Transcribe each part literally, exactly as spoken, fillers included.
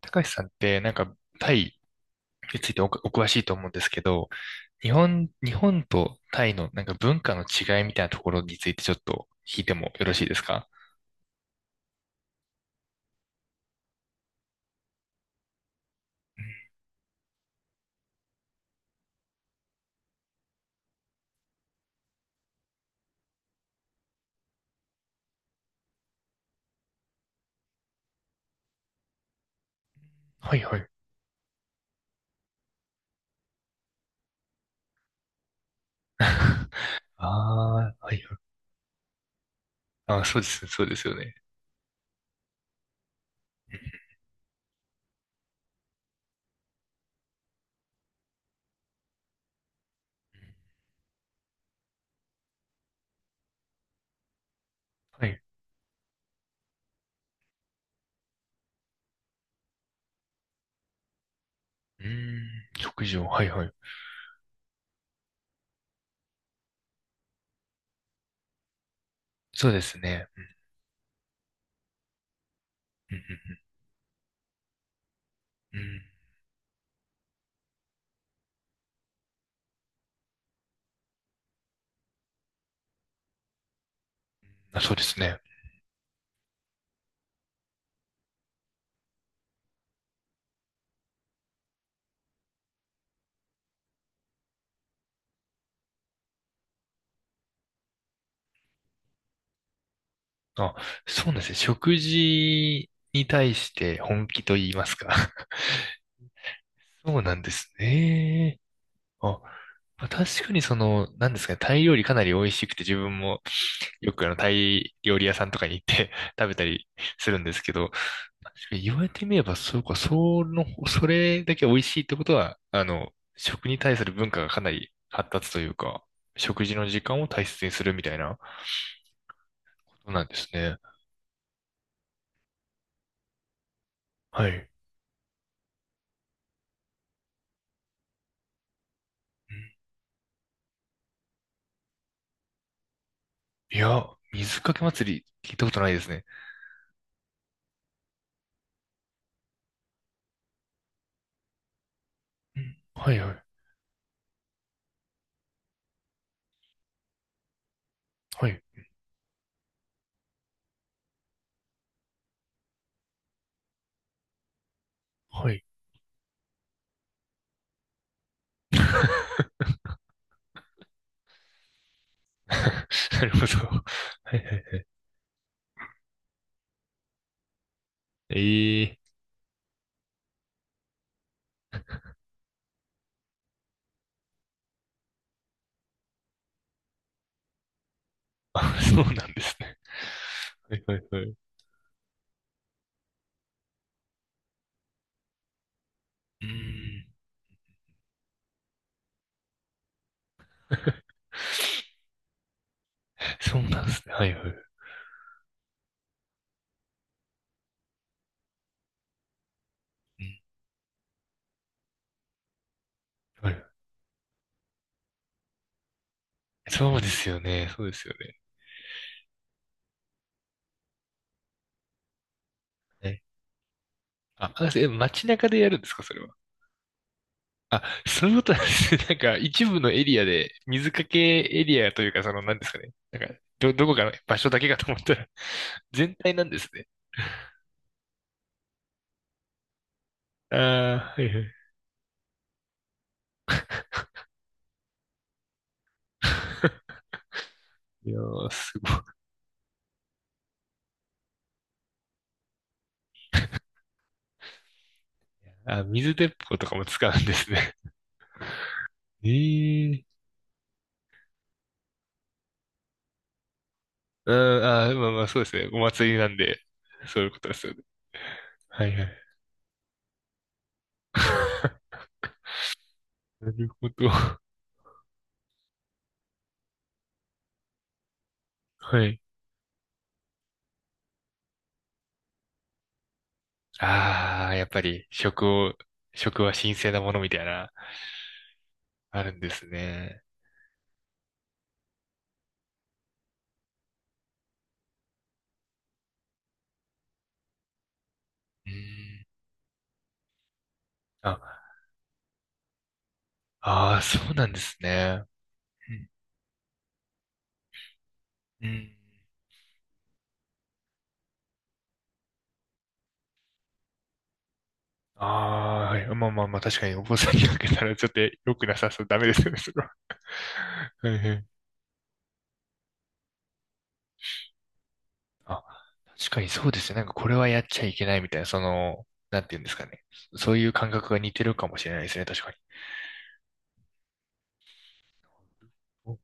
高橋さんってなんかタイについてお、お詳しいと思うんですけど、日本、日本とタイのなんか文化の違いみたいなところについてちょっと聞いてもよろしいですか？うん。はいはい。ああ、はいはい。あ、そうです、そうですよね。はい。うーん、食事を、はいはい。そうですね。うん。うん。うん。うん。あ、そうですね。あ、そうなんですね。食事に対して本気と言いますか。そうなんですね。あ、まあ確かにその、なんですかね、タイ料理かなり美味しくて、自分もよくあの、タイ料理屋さんとかに行って 食べたりするんですけど、言われてみれば、そうか、その、それだけ美味しいってことは、あの、食に対する文化がかなり発達というか、食事の時間を大切にするみたいなことなんですね。はい。うん。いや、水かけ祭り聞いたことないですね。うん。はいはい。はい。はい。なるほど。はいはい。ええ。あ、そうなんですね。はいはいはい。うーん。そうなんですね。はいはい。うん。はい。そうですよね。そうですよね。ね。あ、あえ街中でやるんですか、それは？あ、そういうことなんですね。なんか、一部のエリアで、水かけエリアというか、その、なんですかね。なんか、ど、どこかの場所だけかと思ったら、全体なんですね。ああ、はいはい。いやー、すごい。あ、水鉄砲とかも使うんですね。ええ。うん、あー、まあまあ、そうですね。お祭りなんで、そういうことですよね。はいはい。なるほど。はい。ああ、やっぱり食を、食は神聖なものみたいな、あるんですね。うん。あ、ああ、そうなんですね。うん。うん。ああ、はい。まあまあまあ、確かにお坊さんにかけたらちょっと良くなさそう。ダメですよね、それは。はいはい。あ、確かにそうですね。なんかこれはやっちゃいけないみたいな、その、なんていうんですかね。そういう感覚が似てるかもしれないですね、確かに。お。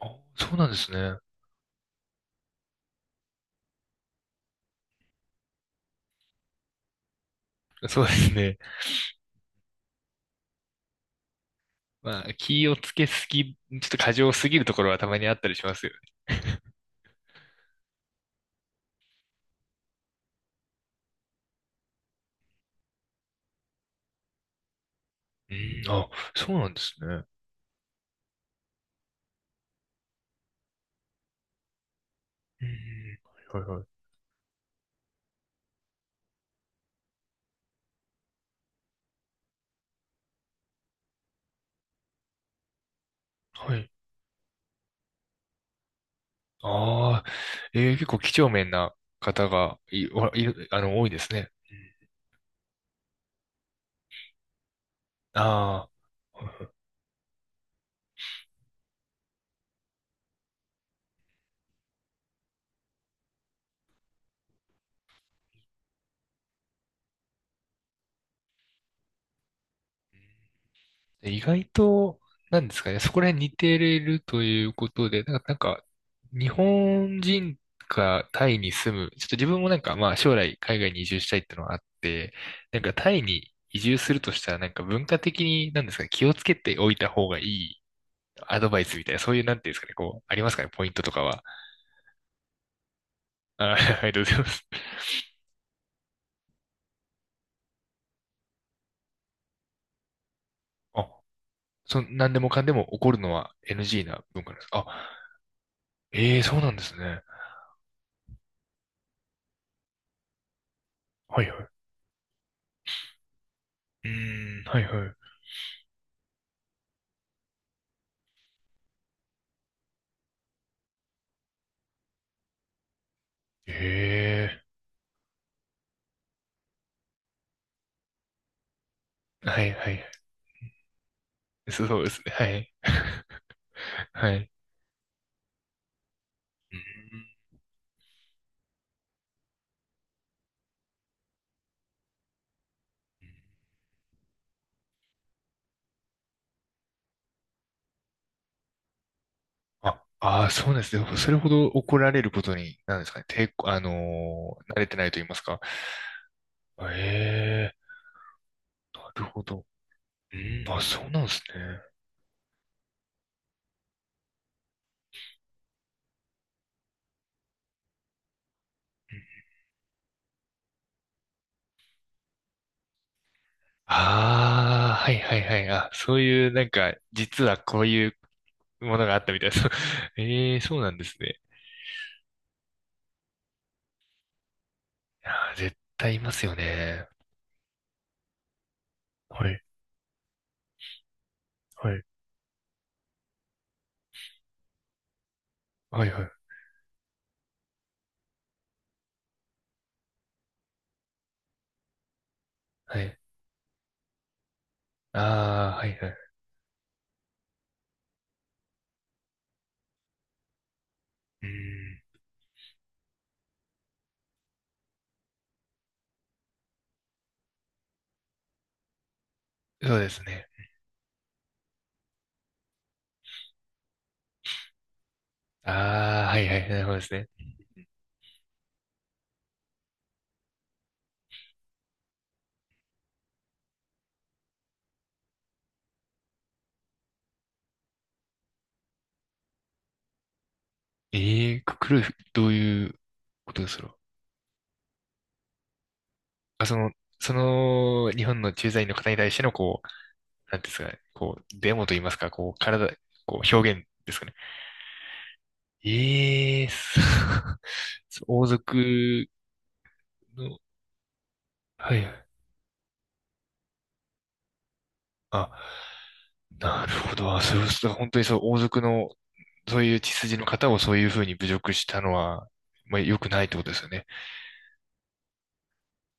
あ、そうなんですね。そうですね。まあ、気をつけすぎ、ちょっと過剰すぎるところはたまにあったりしますよね。うん、あ、そうなんですね。うん、はいはいはい。はい。ああ、えー結構几帳面な方がい、おいるあの、多いですね。うん。ああ。意外と、なんですかね、そこら辺似てるということで、なんか、なんか日本人がタイに住む、ちょっと自分もなんか、まあ将来海外に移住したいっていうのがあって、なんかタイに移住するとしたら、なんか文化的に、なんですかね、気をつけておいた方がいいアドバイスみたいな、そういう、なんていうんですかね、こう、ありますかね、ポイントとかは。あ、ありがとうございます。あ、そ、なんでもかんでも怒るのは エヌジー な文化なんです。あ、ええ。そうなんですね。はいはい。うーん、はいはい。ええ。はいはい。そうですね。はい。はい。うん。あ、ああ、そうですね。それほど怒られることに、なんですかね。抵抗、あのー慣れてないと言いますか。ええ、なるほど。うあ、ん。あ、そうなんですね。ああ、はいはいはい。あ、そういう、なんか、実はこういうものがあったみたいです。ええ、そうなんですね。あー、絶対いますよね。はい、はい、はい、はい。はい。ああ、はいはい。うん、そうですね。ああ、はいはい、なるほどですね。ええー、クルどういうことですか？あ、その、その、日本の駐在員の方に対しての、こう、なんていうんですかね、こう、デモと言いますか、こう、体、こう、表現ですかね。ええー、そう、王族の、はいはい。あ、なるほど。あ、そう、そう本当にそう、王族の、そういう血筋の方をそういうふうに侮辱したのは、まあ、良くないってことですよね。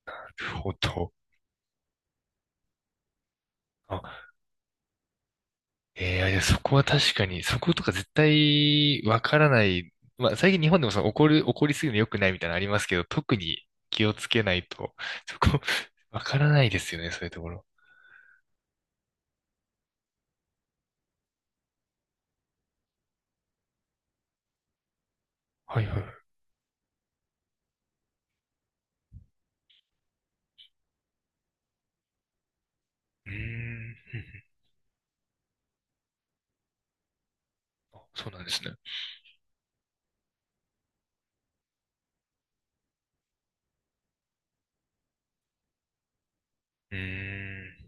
なるほど。あ、ええ、いやそこは確かに、そことか絶対わからない。まあ、最近日本でもその怒る、怒りすぎるの良くないみたいなのありますけど、特に気をつけないと、そこ、わからないですよね、そういうところ。はいはい。うーん。うん。うん。あ、そうなんですね。うーん。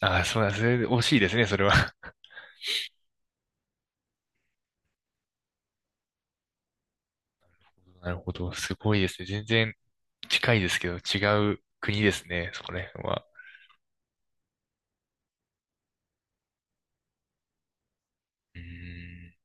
あ、そうなんですね。惜しいですね、それは。なるほど。すごいですね。全然近いですけど、違う国ですね、そこら辺は。うーん。